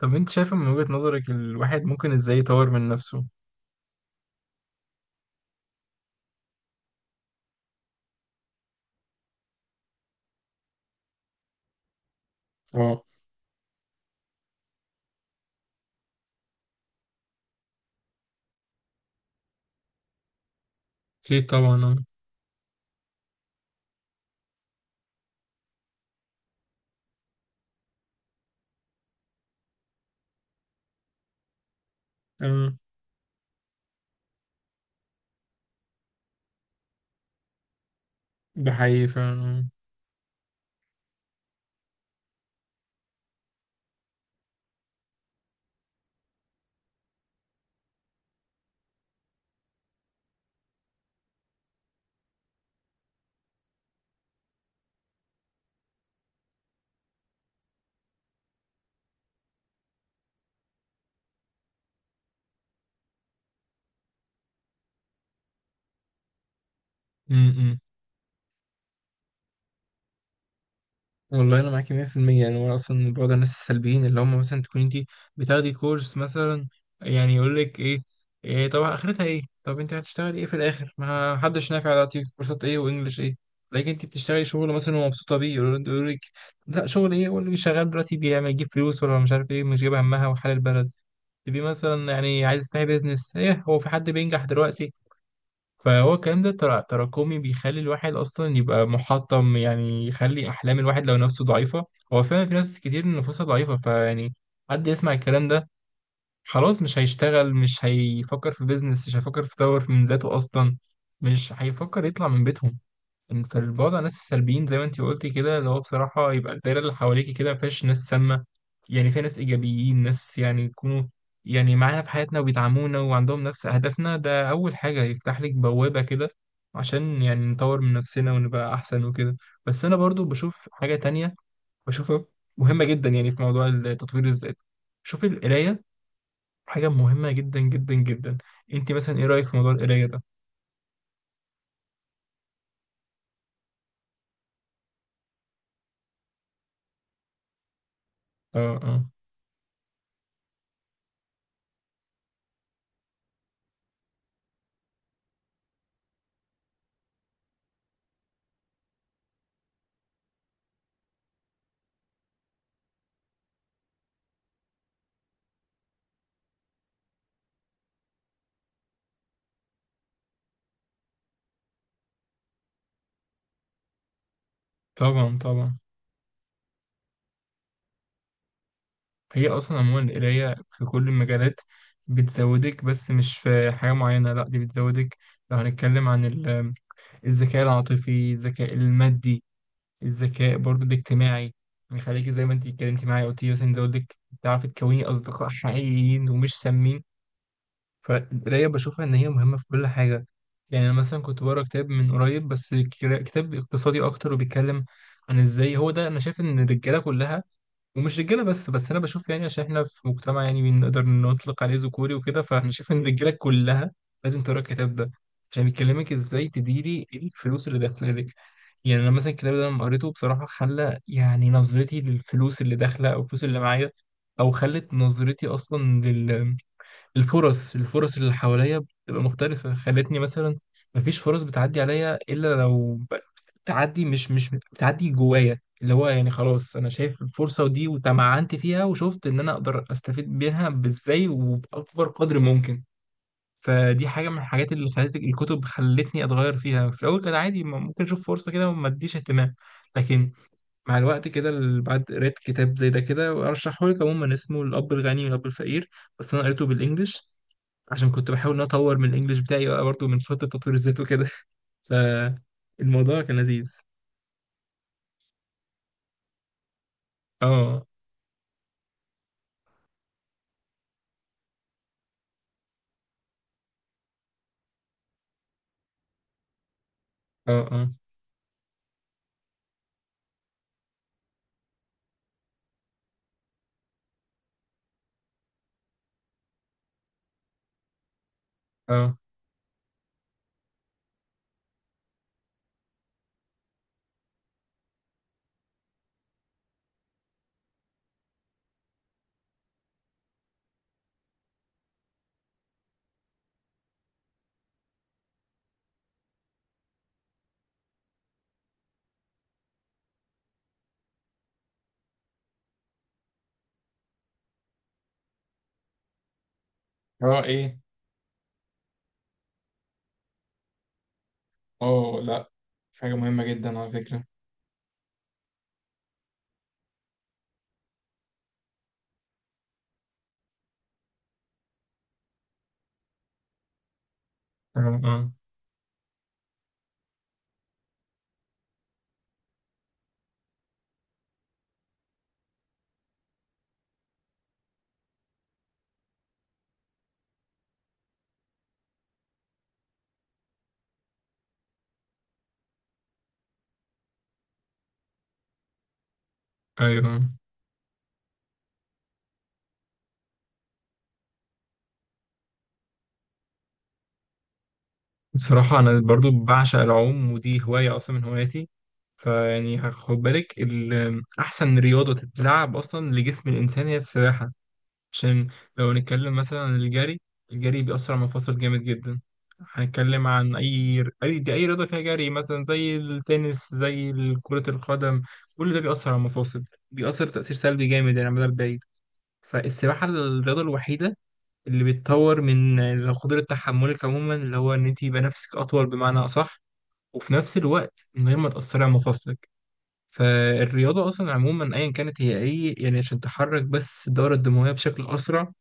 طب انت شايفه من وجهة نظرك الواحد ممكن ازاي يطور من نفسه؟ اه. اكيد طبعا، اه. اه، ده حقيقي فعلا. امم. والله انا معاكي 100%. يعني هو اصلا بعض الناس السلبيين اللي هم مثلا تكون انت بتاخدي كورس مثلا، يعني يقول لك ايه: إيه، طب اخرتها ايه؟ طب انت هتشتغلي ايه في الاخر؟ ما حدش نافع دلوقتي، كورسات ايه وانجلش ايه؟ لكن انت بتشتغلي شغل مثلا ومبسوطه بيه يقول لك لا، شغل ايه؟ واللي شغال دلوقتي بيعمل يجيب فلوس؟ ولا مش عارف ايه، مش جايب همها وحال البلد. تبقي مثلا يعني عايز تفتحي بيزنس، ايه هو في حد بينجح دلوقتي؟ فهو الكلام ده تراكمي، بيخلي الواحد اصلا يبقى محطم، يعني يخلي احلام الواحد لو نفسه ضعيفه. هو فعلا في ناس كتير نفوسها ضعيفه، فيعني حد يسمع الكلام ده خلاص مش هيشتغل، مش هيفكر في بيزنس، مش هيفكر في يطور من ذاته اصلا، مش هيفكر يطلع من بيتهم. انت البعد عن الناس السلبيين زي ما انت قلتي كده اللي هو بصراحة يبقى الدايرة اللي حواليكي كده ما فيهاش ناس سامة، يعني فيها ناس إيجابيين، ناس يعني يكونوا يعني معانا في حياتنا وبيدعمونا وعندهم نفس أهدافنا، ده أول حاجة يفتح لك بوابة كده عشان يعني نطور من نفسنا ونبقى أحسن وكده. بس أنا برضو بشوف حاجة تانية، بشوفها مهمة جدا يعني في موضوع التطوير الذاتي. شوف، القراية حاجة مهمة جدا جدا جدا. انت مثلا ايه رأيك في موضوع القراية ده؟ اه، اه. طبعا، طبعا. هي أصلا عموما القراية في كل المجالات بتزودك، بس مش في حاجة معينة، لأ، دي بتزودك لو هنتكلم عن الذكاء العاطفي، الذكاء المادي، الذكاء برضو الاجتماعي. بيخليكي زي ما انت اتكلمتي معايا قلتي مثلا، يزود لك تعرفي تكوني أصدقاء حقيقيين ومش سامين. فالقراية بشوفها إن هي مهمة في كل حاجة. يعني أنا مثلا كنت بقرا كتاب من قريب بس، كتاب اقتصادي أكتر، وبيتكلم عن إزاي هو ده. أنا شايف إن الرجالة كلها، ومش رجاله بس، بس انا بشوف يعني عشان احنا في مجتمع يعني بنقدر نطلق عليه ذكوري وكده، فاحنا شايف ان الرجاله كلها لازم تقرا الكتاب ده، عشان بيكلمك ازاي تديري إيه الفلوس اللي داخله لك. يعني انا مثلا الكتاب ده لما قريته بصراحه خلى يعني نظرتي للفلوس اللي داخله او الفلوس اللي معايا، او خلت نظرتي اصلا الفرص، الفرص اللي حواليا بتبقى مختلفة، خلتني مثلا مفيش فرص بتعدي عليا إلا لو بتعدي، مش بتعدي جوايا، اللي هو يعني خلاص أنا شايف الفرصة دي وتمعنت فيها وشفت إن أنا أقدر أستفيد منها بإزاي وبأكبر قدر ممكن. فدي حاجة من الحاجات اللي خلت الكتب خلتني أتغير فيها، في الأول كان عادي، ممكن أشوف فرصة كده وما أديش اهتمام، لكن مع الوقت كده بعد قريت كتاب زي ده كده، وأرشحهولك عموما، اسمه الأب الغني والأب الفقير. بس أنا قريته بالإنجلش، عشان كنت بحاول ان أنا اطور من الانجليش بتاعي بقى برضه من خطة تطوير الذات وكده. فالموضوع كان لذيذ. اه، اه. اه، اه. اه، ايه. اه، لا، حاجة مهمة جدا على فكرة. اه، اه، ايوه. بصراحة انا برضو بعشق العوم، ودي هواية اصلا من هواياتي. فيعني خد بالك، احسن رياضة تتلعب اصلا لجسم الانسان هي السباحة. عشان لو نتكلم مثلا عن الجري، الجري بيأثر على المفاصل جامد جدا. هنتكلم عن أي رياضة فيها جري مثلا زي التنس، زي كرة القدم، كل ده بيأثر على المفاصل، بيأثر تأثير سلبي جامد يعني على المدى البعيد. فالسباحة الرياضة الوحيدة اللي بتطور من قدرة تحملك عموما، اللي هو إن أنت يبقى نفسك أطول بمعنى أصح، وفي نفس الوقت من غير ما تأثري على مفاصلك. فالرياضة أصلا عموما أيا كانت هي إيه يعني؟ عشان تحرك بس الدورة الدموية بشكل أسرع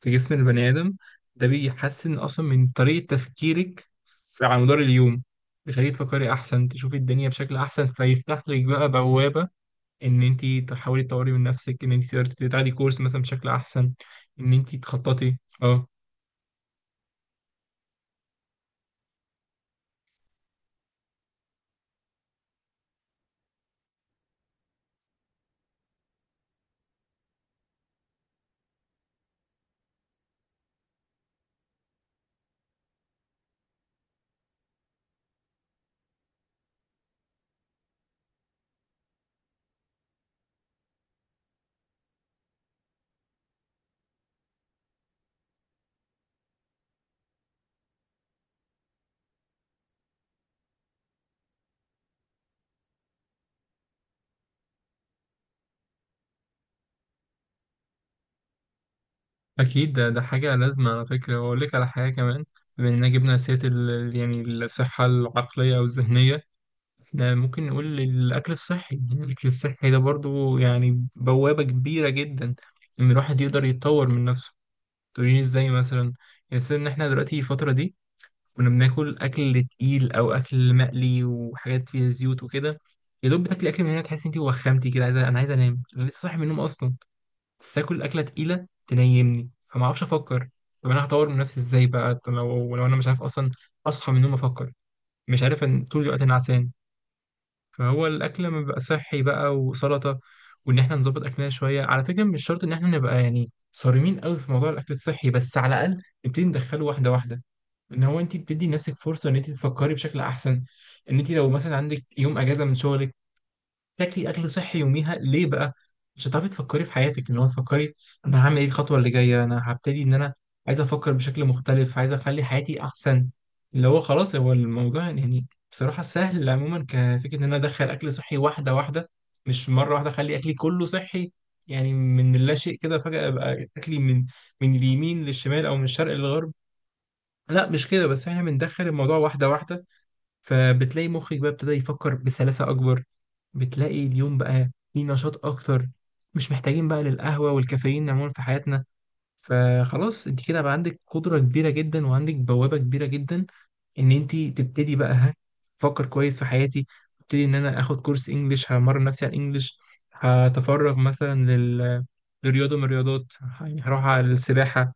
في جسم البني آدم، ده بيحسن أصلا من طريقة تفكيرك على مدار اليوم، بيخليك تفكري أحسن، تشوفي الدنيا بشكل أحسن، فيفتح لك بقى بوابة إن أنت تحاولي تطوري من نفسك، إن أنت تقدري تاخدي كورس مثلا بشكل أحسن، إن أنت تخططي. أه، أكيد، ده حاجة لازمة على فكرة، وأقول لك على حاجة كمان. بما إننا جبنا سيرة يعني الصحة العقلية أو الذهنية، ممكن نقول الأكل الصحي. الأكل الصحي ده برضو يعني بوابة كبيرة جدا إن الواحد يقدر يتطور من نفسه. تقولين إزاي مثلا؟ يعني مثلا إن إحنا دلوقتي الفترة دي كنا بناكل أكل تقيل أو أكل مقلي وحاجات فيها زيوت وكده، يا دوب بتاكلي أكل من هنا تحسي إنتي وخمتي كده، عايزة، أنا عايز أنام، أنا لسه صاحي من النوم أصلا، بس آكل أكلة تقيلة تنيمني، فما أعرفش أفكر. طب أنا هطور من نفسي إزاي بقى؟ طب لو أنا مش عارف أصلا أصحى من النوم أفكر، مش عارف، إن طول الوقت أنا عسان. فهو الاكل لما بيبقى صحي بقى وسلطه، وان احنا نظبط اكلنا شويه، على فكره مش شرط ان احنا نبقى يعني صارمين قوي في موضوع الاكل الصحي، بس على الاقل نبتدي ندخله واحده واحده، ان هو انت بتدي نفسك فرصه ان انت تفكري بشكل احسن. ان انت لو مثلا عندك يوم اجازه من شغلك، تاكلي اكل صحي يوميها، ليه بقى؟ مش هتعرفي تفكري في حياتك، ان هو تفكري انا هعمل ايه، الخطوه اللي جايه انا هبتدي ان انا عايز افكر بشكل مختلف، عايز اخلي حياتي احسن. اللي هو خلاص، هو الموضوع يعني بصراحه سهل عموما كفكره، ان انا ادخل اكل صحي واحده واحده، مش مره واحده اخلي اكلي كله صحي، يعني من لا شيء كده فجاه ابقى اكلي من اليمين للشمال او من الشرق للغرب. لا، مش كده، بس احنا بندخل الموضوع واحده واحده. فبتلاقي مخك بقى ابتدى يفكر بسلاسة أكبر، بتلاقي اليوم بقى فيه نشاط أكتر، مش محتاجين بقى للقهوة والكافيين عموما في حياتنا. فخلاص انت كده بقى عندك قدرة كبيرة جدا، وعندك بوابة كبيرة جدا ان انت تبتدي بقى، ها، افكر كويس في حياتي، ابتدي ان انا اخد كورس انجليش، همرن نفسي على الانجليش، هتفرغ مثلا لرياضة من الرياضات، يعني هروح على السباحة.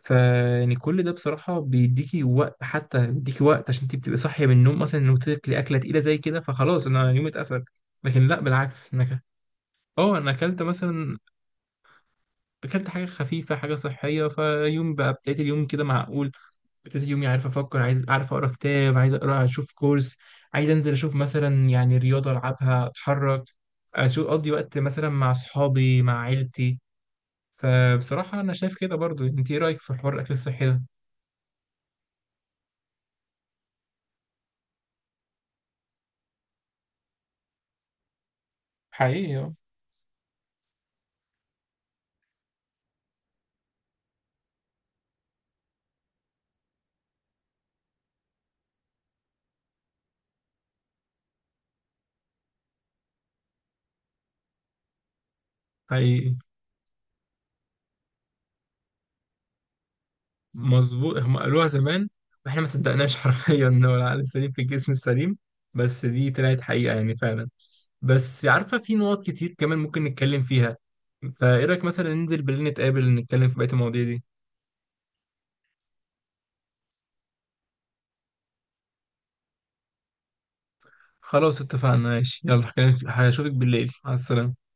فيعني كل ده بصراحة بيديكي وقت، حتى بيديكي وقت عشان انت بتبقي صاحية من النوم مثلا، انه تاكلي أكلة تقيلة زي كده فخلاص انا يومي اتقفل، لكن لا، بالعكس، انك اه انا اكلت مثلا، اكلت حاجة خفيفة، حاجة صحية، فيوم بقى ابتديت اليوم كده معقول، ابتديت يومي عارف افكر، عايز، عارف اقرا كتاب، عايز اقرا، اشوف كورس، عايز انزل اشوف مثلا يعني رياضه العبها اتحرك، اشوف اقضي وقت مثلا مع اصحابي مع عيلتي. فبصراحه انا شايف كده برضو، انت ايه رايك في حوار الاكل الصحي ده؟ حقيقي، حقيقي. مظبوط، هم قالوها زمان واحنا ما صدقناش حرفيا، ان هو العقل السليم في الجسم السليم. بس دي طلعت حقيقة يعني فعلا. بس عارفة في نقط كتير كمان ممكن نتكلم فيها، فايه رأيك مثلا ننزل بالليل نتقابل نتكلم في بقية المواضيع دي؟ خلاص، اتفقنا، ماشي، يلا، هشوفك بالليل، على السلامة.